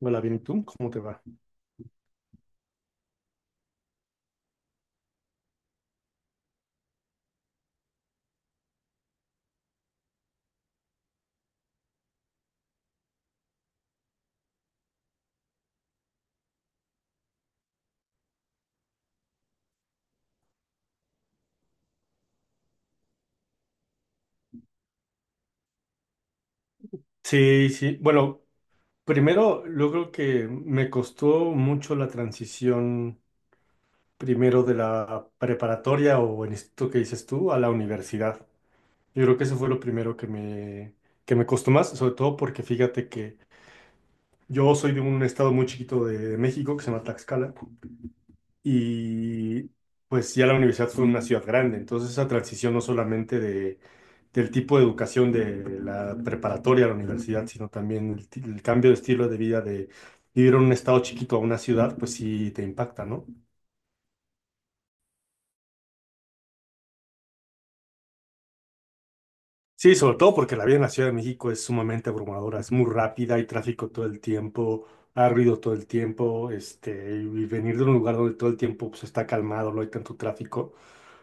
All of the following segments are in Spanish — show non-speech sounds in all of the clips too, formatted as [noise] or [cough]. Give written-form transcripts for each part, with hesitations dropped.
Hola, bien, ¿y tú? ¿Cómo te va? Sí, sí. Bueno, primero, yo creo que me costó mucho la transición primero de la preparatoria o en esto que dices tú a la universidad. Yo creo que eso fue lo primero que me, que me. Costó más, sobre todo porque fíjate que yo soy de un estado muy chiquito de México que se llama Tlaxcala. Y pues ya la universidad fue una ciudad grande, entonces esa transición no solamente de, del tipo de educación de la preparatoria a la universidad, sino también el cambio de estilo de vida de vivir en un estado chiquito a una ciudad, pues sí te impacta, ¿no? Sí, sobre todo porque la vida en la Ciudad de México es sumamente abrumadora, es muy rápida, hay tráfico todo el tiempo, hay ruido todo el tiempo, y venir de un lugar donde todo el tiempo pues, está calmado, no hay tanto tráfico,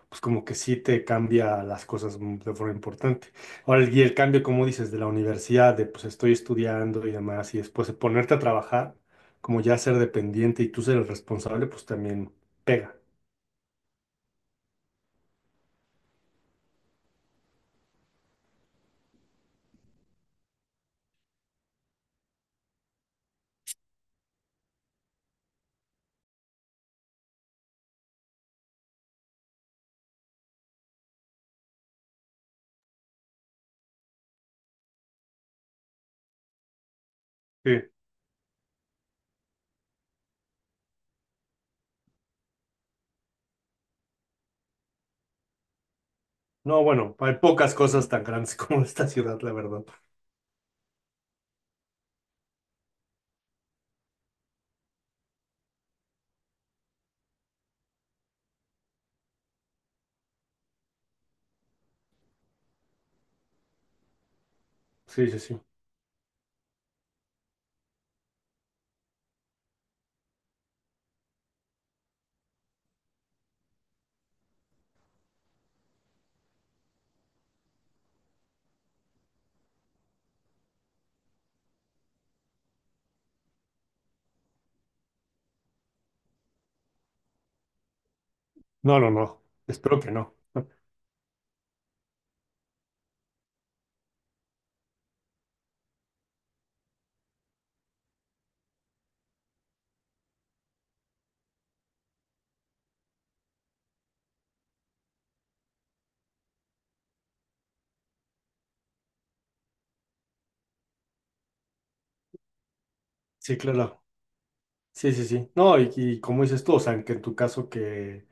pues como que sí te cambia las cosas de forma importante. Ahora, y el cambio, como dices, de la universidad, de pues estoy estudiando y demás, y después de ponerte a trabajar, como ya ser dependiente y tú ser el responsable, pues también pega. Sí. No, bueno, hay pocas cosas tan grandes [laughs] como esta ciudad, la verdad. Sí, sí, sí. No, no, no. Espero que no. Sí, claro. Sí, sí, sí. No, y como dices tú, o sea, que en tu caso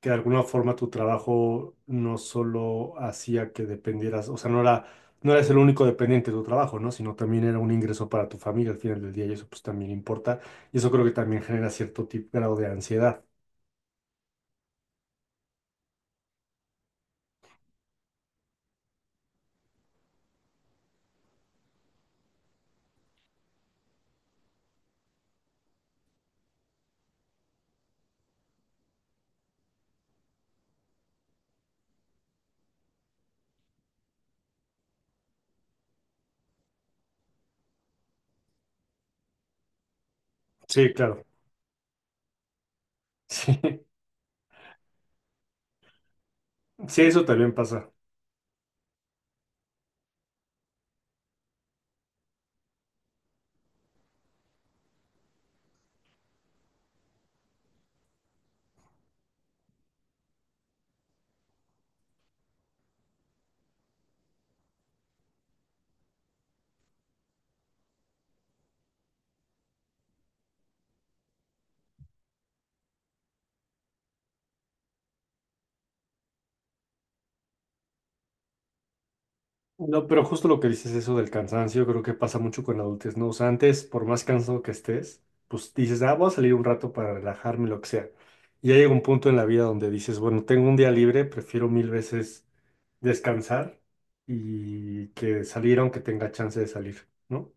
que de alguna forma tu trabajo no solo hacía que dependieras, o sea, no eres el único dependiente de tu trabajo, ¿no? Sino también era un ingreso para tu familia al final del día y eso pues también importa. Y eso creo que también genera cierto tipo, grado de ansiedad. Sí, claro. [laughs] Sí, sí, eso también pasa. No, pero justo lo que dices eso del cansancio, creo que pasa mucho con la adultez, ¿no? O sea, antes, por más cansado que estés, pues dices, ah, voy a salir un rato para relajarme, lo que sea. Y ya llega un punto en la vida donde dices, bueno, tengo un día libre, prefiero mil veces descansar y que salir aunque tenga chance de salir, ¿no?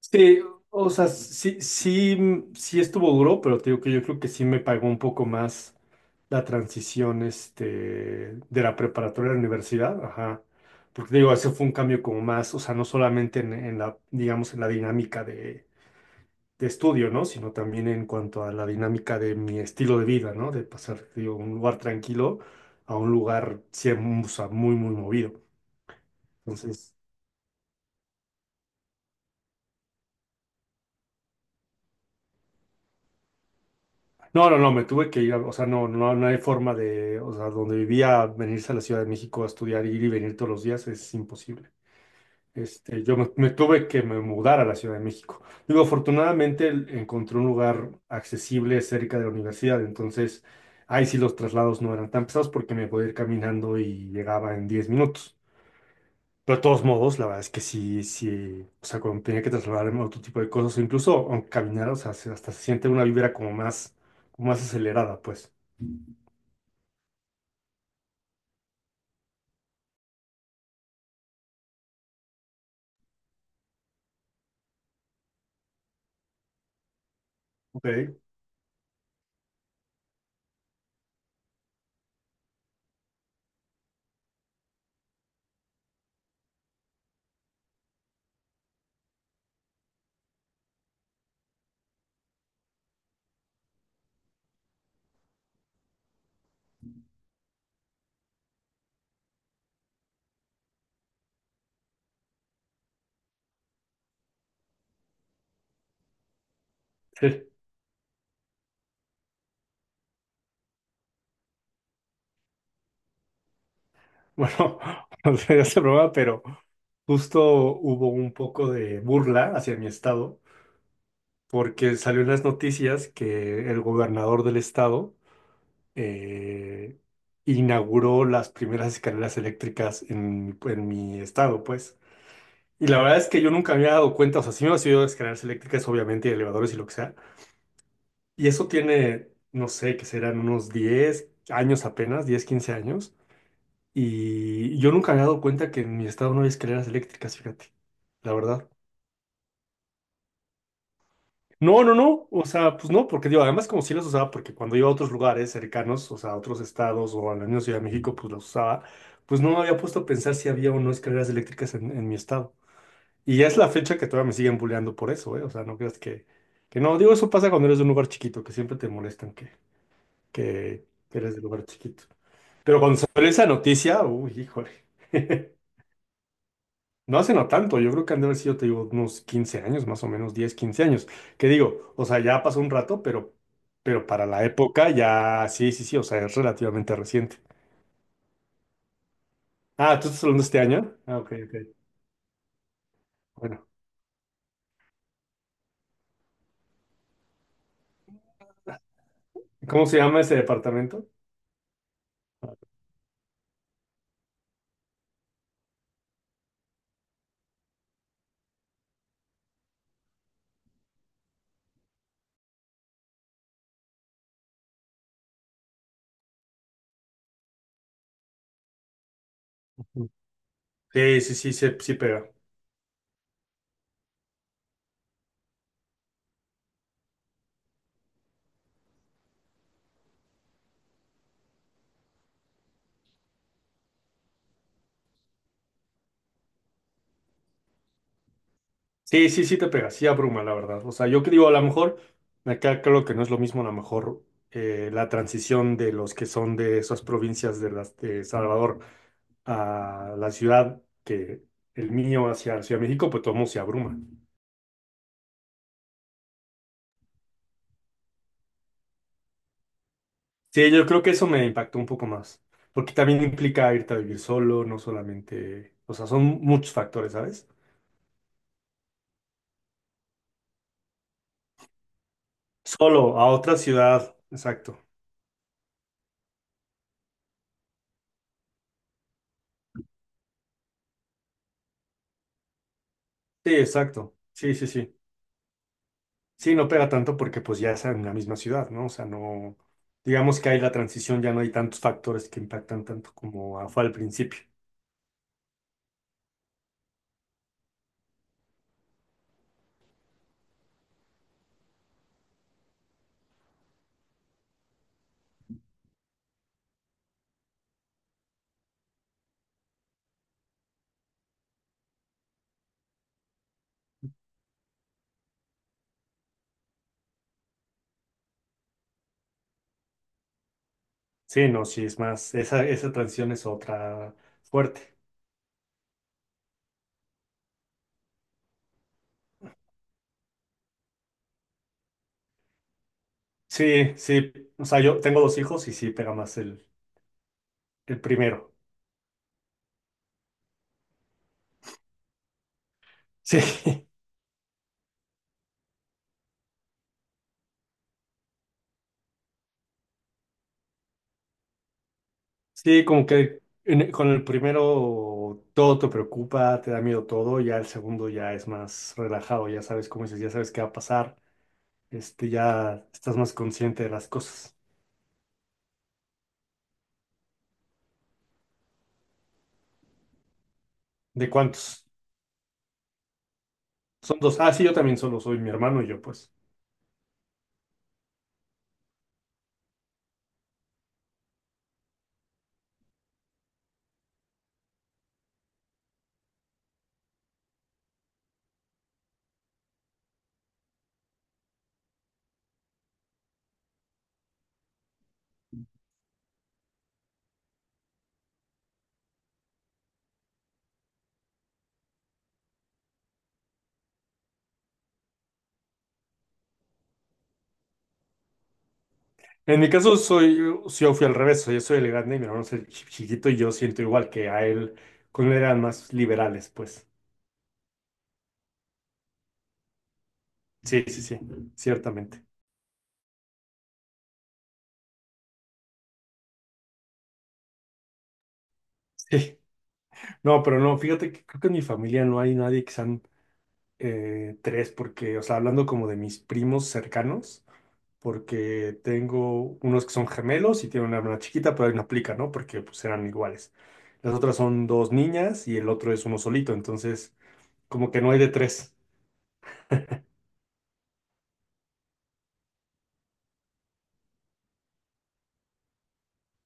Sí, o sea, sí, sí, sí estuvo duro, pero te digo que yo creo que sí me pagó un poco más la transición de la preparatoria a la universidad, ajá. Porque digo, ese fue un cambio como más, o sea, no solamente en la, digamos, en la dinámica de estudio, ¿no? Sino también en cuanto a la dinámica de mi estilo de vida, ¿no? De pasar, digo, un lugar tranquilo a un lugar, o sea, muy, muy movido. Entonces, no, no, no, me tuve que ir, o sea, no, no, no hay forma de, o sea, donde vivía, venirse a la Ciudad de México a estudiar, ir y venir todos los días es imposible. Yo me tuve que me mudar a la Ciudad de México. Digo, afortunadamente encontré un lugar accesible cerca de la universidad, entonces ahí sí los traslados no eran tan pesados porque me podía ir caminando y llegaba en 10 minutos. Pero de todos modos, la verdad es que sí, sí, o sea, cuando tenía que trasladarme a otro tipo de cosas, o incluso aunque caminar, o sea, hasta se siente una vibra como más acelerada, pues. Ok. Sí. Bueno, [laughs] no sé, ya se broma, pero justo hubo un poco de burla hacia mi estado porque salió en las noticias que el gobernador del estado eh, inauguró las primeras escaleras eléctricas en mi estado, pues. Y la verdad es que yo nunca me había dado cuenta, o sea, sí me había ido escaleras eléctricas, obviamente, y elevadores y lo que sea. Y eso tiene, no sé, que serán unos 10 años apenas, 10, 15 años. Y yo nunca me había dado cuenta que en mi estado no hay escaleras eléctricas, fíjate, la verdad. No, no, no, o sea, pues no, porque digo, además como sí las usaba, porque cuando iba a otros lugares cercanos, o sea, a otros estados o a la misma Ciudad de México, pues las usaba, pues no me había puesto a pensar si había o no escaleras eléctricas en mi estado. Y ya es la fecha que todavía me siguen bulleando por eso, ¿eh? O sea, no creas que no, digo, eso pasa cuando eres de un lugar chiquito, que siempre te molestan que, que eres de lugar chiquito. Pero cuando salió esa noticia, uy, híjole. [laughs] No hace no tanto, yo creo que han de haber sido, te digo, unos 15 años, más o menos 10, 15 años. Que digo, o sea, ya pasó un rato, pero para la época ya, sí, sí, sí, o sea, es relativamente reciente. Ah, ¿tú estás hablando de este año? Ah, ok, ok. Bueno, ¿cómo se llama ese departamento? Ujú. Sí, sí, sí, sí, sí pega. Sí, sí, sí te pega, sí abruma, la verdad. O sea, yo que digo, a lo mejor, me queda creo que no es lo mismo, a lo mejor, la transición de los que son de esas provincias de las de Salvador a la ciudad que el mío hacia la Ciudad de México, pues todo el mundo se abruma. Sí, yo creo que eso me impactó un poco más, porque también implica irte a vivir solo, no solamente, o sea, son muchos factores, ¿sabes? Solo a otra ciudad, exacto. Sí, exacto. Sí, sí, sí. Sí, no pega tanto porque pues ya es en la misma ciudad, ¿no? O sea, no, digamos que hay la transición, ya no hay tantos factores que impactan tanto como fue al principio. Sí, no, sí, es más, esa transición es otra fuerte. Sí, sí. O sea, yo tengo dos hijos y sí pega más el primero. Sí, [laughs] sí, como que con el primero todo te preocupa, te da miedo todo, ya el segundo ya es más relajado, ya sabes cómo dices, ya sabes qué va a pasar, ya estás más consciente de las cosas. ¿De cuántos? Son dos. Ah, sí, yo también solo soy mi hermano y yo, pues. En mi caso sí, yo fui al revés, yo soy el grande y mi hermano es el chiquito y yo siento igual que a él, con él eran más liberales, pues. Sí, sí, sí, ciertamente. Sí. No, pero no, fíjate que creo que en mi familia no hay nadie que sean tres, porque, o sea, hablando como de mis primos cercanos, porque tengo unos que son gemelos y tienen una hermana chiquita, pero ahí no aplica, ¿no? Porque pues eran iguales. Las otras son dos niñas y el otro es uno solito, entonces como que no hay de tres.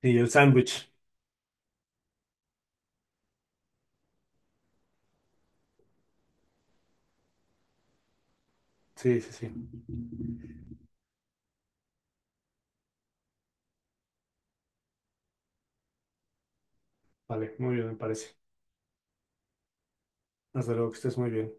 Y el sándwich. Sí, sí, sí. Vale, muy bien, me parece. Hasta luego, que estés muy bien.